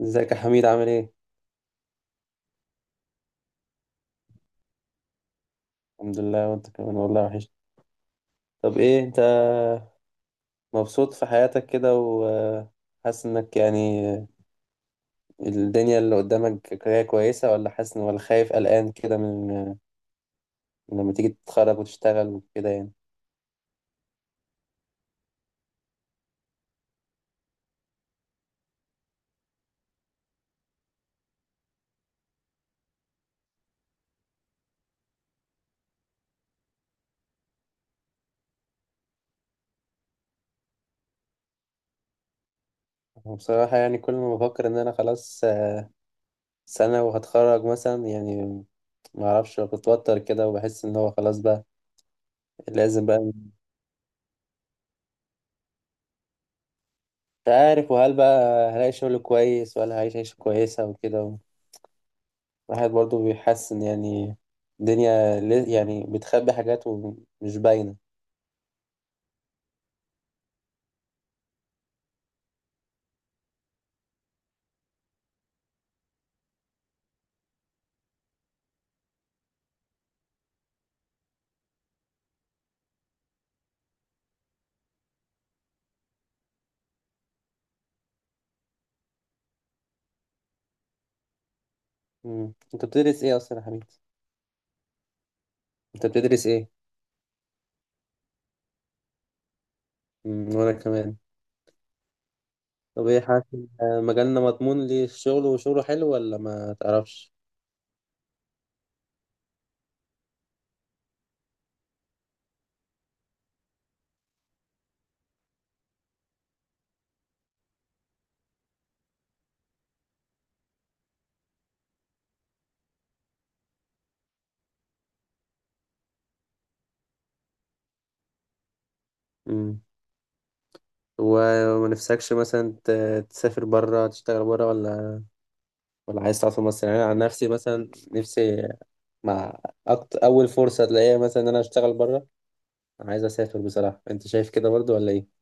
ازيك يا حميد، عامل ايه؟ الحمد لله، وانت كمان؟ والله وحش. طب ايه، انت مبسوط في حياتك كده وحاسس انك يعني الدنيا اللي قدامك هي كويسة، ولا حاسس ولا خايف قلقان كده من لما تيجي تتخرج وتشتغل وكده يعني؟ بصراحة يعني كل ما بفكر ان انا خلاص سنة وهتخرج مثلا يعني، ما اعرفش، بتوتر كده وبحس ان هو خلاص بقى لازم بقى، مش عارف، وهل بقى هلاقي شغل كويس ولا هعيش عيشة كويسة وكده. الواحد برضه بيحس إن يعني الدنيا يعني بتخبي حاجات ومش باينة. مم. أنت بتدرس إيه أصلا يا حبيبي؟ أنت بتدرس إيه؟ مم. وأنا كمان. طب إيه حاسس إن مجالنا مضمون للشغل وشغله حلو ولا ما تعرفش؟ مم. وما نفسكش مثلا تسافر بره تشتغل بره، ولا عايز تقعد في مصر؟ يعني أنا عن نفسي مثلا نفسي مع أكتر، أول فرصة تلاقيها مثلا إن أنا أشتغل بره، عايز أسافر بصراحة. أنت شايف كده برضه ولا إيه؟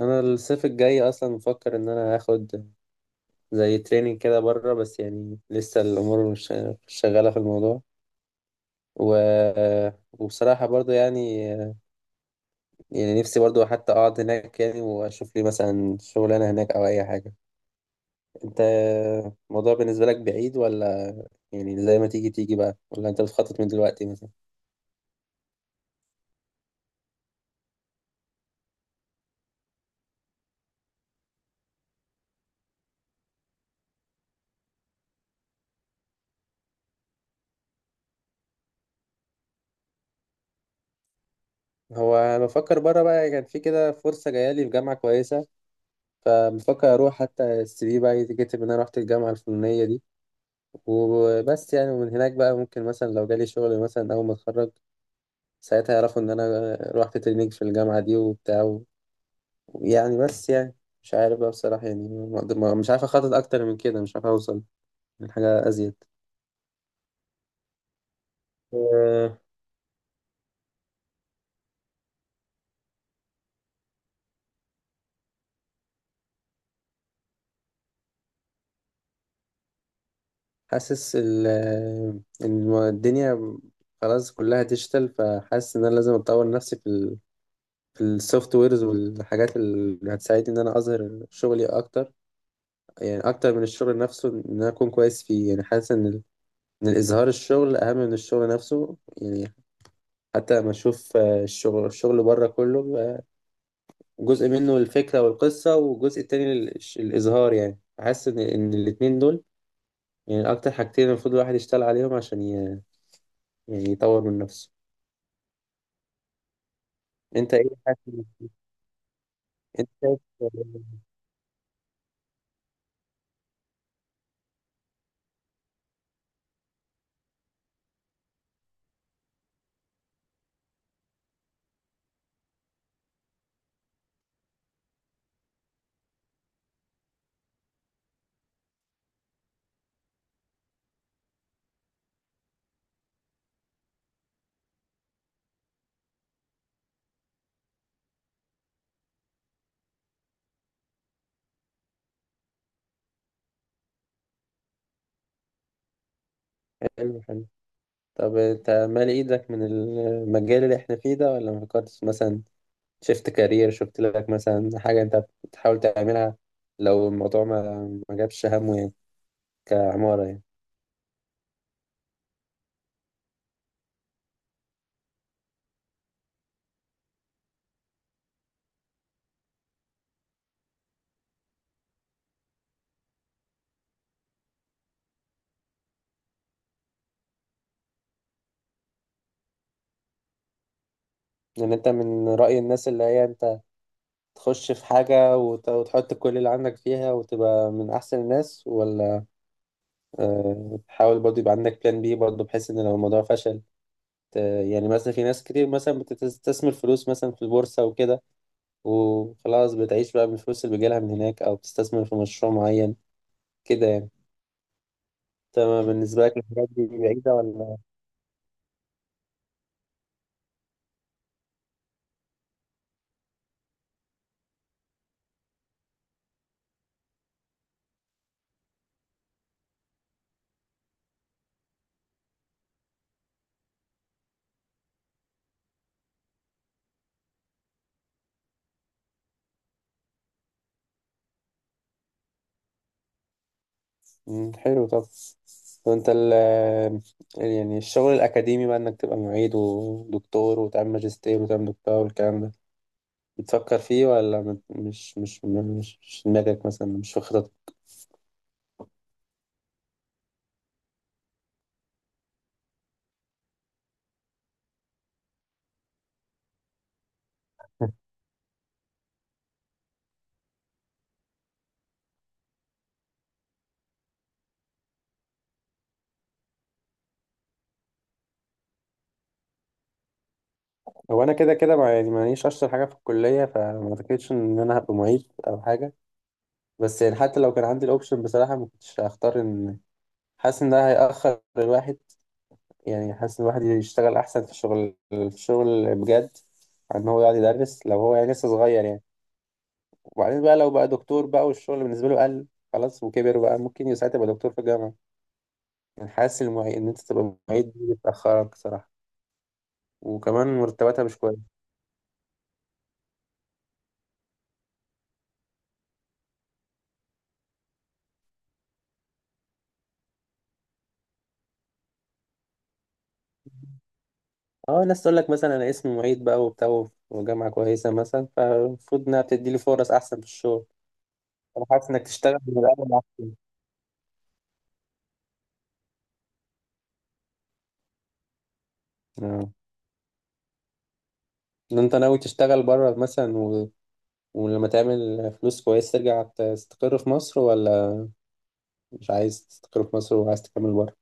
انا الصيف الجاي اصلا مفكر ان انا هاخد زي تريننج كده بره، بس يعني لسه الامور مش شغاله في الموضوع و... وبصراحه برضو يعني نفسي برضو حتى اقعد هناك، يعني واشوف لي مثلا شغلانه هناك او اي حاجه. انت، الموضوع بالنسبه لك بعيد، ولا يعني زي ما تيجي تيجي بقى، ولا انت بتخطط من دلوقتي مثلا؟ هو أنا بفكر بره بقى، كان في كده فرصه جايه لي في جامعه كويسه، فبفكر اروح حتى السي في بقى يتكتب ان انا رحت الجامعه الفلانيه دي، وبس يعني. ومن هناك بقى ممكن مثلا لو جالي شغل مثلا أول ما أتخرج ساعتها يعرفوا إن أنا رحت تريننج في الجامعة دي وبتاع، يعني بس يعني مش عارف بقى بصراحة يعني ما أقدر- ما- مش عارف أخطط أكتر من كده، مش عارف أوصل لحاجة أزيد. أه، حاسس إن الدنيا خلاص كلها ديجيتال، فحاسس إن أنا لازم أطور نفسي في في السوفت ويرز والحاجات اللي هتساعدني إن أنا أظهر شغلي أكتر، يعني أكتر من الشغل نفسه إن أنا أكون كويس فيه. يعني حاسس إن الإظهار الشغل أهم من الشغل نفسه يعني. حتى لما أشوف الشغل بره كله بيبقى جزء منه الفكرة والقصة، والجزء التاني الإظهار، يعني أحس إن الاتنين دول يعني أكتر حاجتين المفروض الواحد يشتغل عليهم عشان يعني يطور من نفسه. أنت إيه حاسس. أنت شايف. حلو، حلو. طب أنت مالي إيدك من المجال اللي إحنا فيه ده ولا ما فكرتش مثلا؟ شفت كارير، شفت لك مثلا حاجة أنت بتحاول تعملها لو الموضوع ما جابش همه يعني، كعمارة يعني؟ يعني انت من رأي الناس اللي هي انت تخش في حاجة وتحط كل اللي عندك فيها وتبقى من أحسن الناس، ولا تحاول برضه يبقى عندك بلان بي برضه بحيث ان لو الموضوع فشل ت- يعني مثلا في ناس كتير مثلا بتستثمر فلوس مثلا في البورصة وكده، وخلاص بتعيش بقى من الفلوس اللي بيجيلها من هناك، أو بتستثمر في مشروع معين كده يعني. تمام، بالنسبة لك الحاجات دي بعيدة ولا؟ مم، حلو. طب وانت يعني الشغل الأكاديمي بقى إنك تبقى معيد ودكتور وتعمل ماجستير وتعمل دكتوراه والكلام ده، بتفكر فيه ولا مش في دماغك مثلا، مش في خططك؟ هو أنا كده كده مع، يعني مانيش أشطر حاجة في الكلية، فما أعتقدش إن أنا هبقى معيد أو حاجة. بس يعني حتى لو كان عندي الأوبشن بصراحة ما كنتش هختار إن، حاسس إن ده هيأخر الواحد. يعني حاسس إن الواحد يشتغل أحسن في الشغل بجد، عن إن هو يقعد يدرس لو هو يعني لسه صغير يعني. وبعدين بقى لو بقى دكتور بقى والشغل بالنسبة له قل خلاص وكبر، بقى ممكن ساعتها يبقى دكتور في الجامعة. يعني حاسس المعيد إن أنت تبقى معيد دي بتأخرك صراحة. وكمان مرتباتها مش كويسة. اه، ناس تقول لك مثلا أنا اسمي معيد بقى وبتاع وجامعة كويسة مثلا، فالمفروض إنها بتدي لي فرص أحسن في الشغل. أنا حاسس إنك تشتغل من الأول أحسن. اه. إن أنت ناوي تشتغل بره مثلا ولما تعمل فلوس كويس ترجع تستقر في مصر، ولا مش عايز تستقر في مصر وعايز تكمل بره؟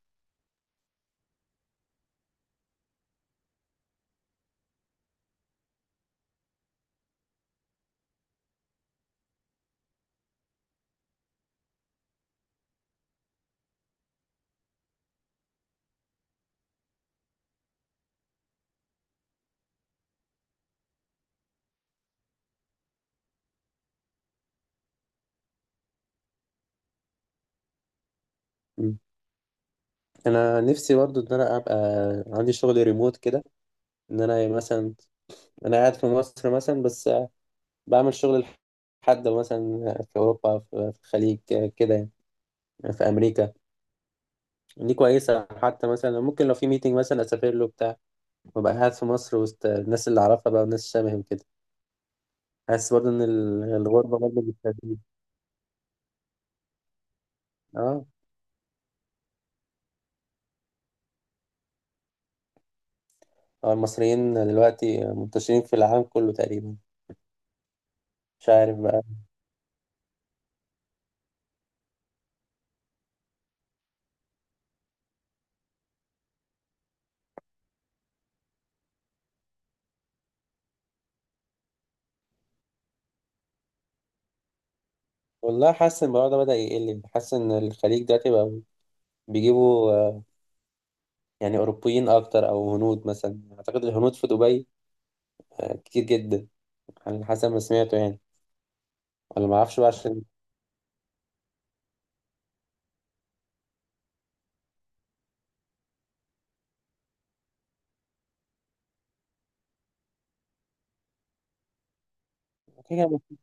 انا نفسي برضو ان انا ابقى عندي شغل ريموت كده، ان انا مثلا انا قاعد في مصر مثلا بس بعمل شغل لحد مثلا في اوروبا، في الخليج كده يعني في امريكا. دي كويسه، حتى مثلا ممكن لو في ميتنج مثلا اسافر له بتاع، وابقى قاعد في مصر وسط الناس اللي اعرفها بقى وناس شبهي وكده. حاسس برضو ان الغربه برضو بتفيد. اه. المصريين دلوقتي منتشرين في العالم كله تقريبا. مش عارف بقى، والله حاسس ان الموضوع ده بدأ يقل. حاسس ان الخليج دلوقتي بقى بيجيبوا يعني أوروبيين أكتر، أو هنود مثلا، أعتقد الهنود في دبي كتير جدا، على حسب ما سمعته يعني. ولا ما أعرفش بقى عشان كده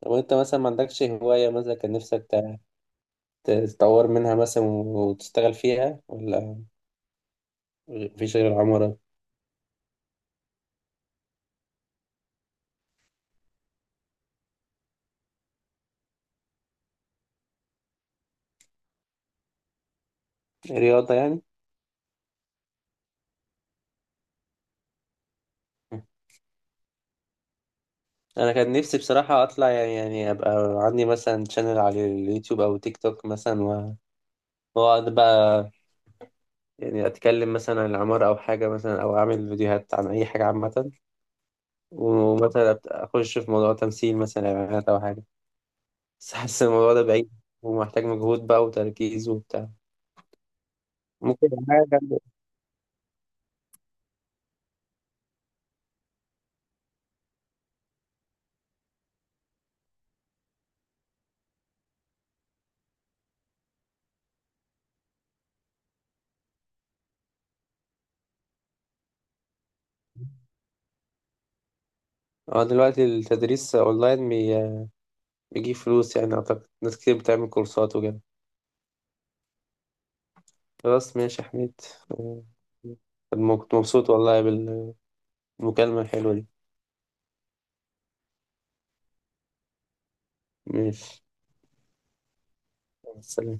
طب وأنت مثلا ما عندكش هواية مثلا كان نفسك تتطور منها مثلا، وتشتغل فيها ولا مفيش غير العمارة؟ رياضة يعني؟ أنا كان نفسي بصراحة أطلع يعني أبقى عندي مثلا شانل على اليوتيوب أو تيك توك مثلا وأقعد بقى يعني أتكلم مثلا عن العمارة أو حاجة مثلا، أو أعمل فيديوهات عن أي حاجة عامة، ومثلا اخش في موضوع تمثيل مثلا اعلانات او حاجه. بس حاسس الموضوع ده بعيد ومحتاج مجهود بقى وتركيز وبتاع، ممكن يبقى حاجة اه. دلوقتي التدريس اونلاين بيجيب فلوس، يعني اعتقد ناس كتير بتعمل كورسات وكده. خلاص ماشي يا حميد. آه، كنت مبسوط والله بالمكالمة الحلوة دي. ماشي، سلام.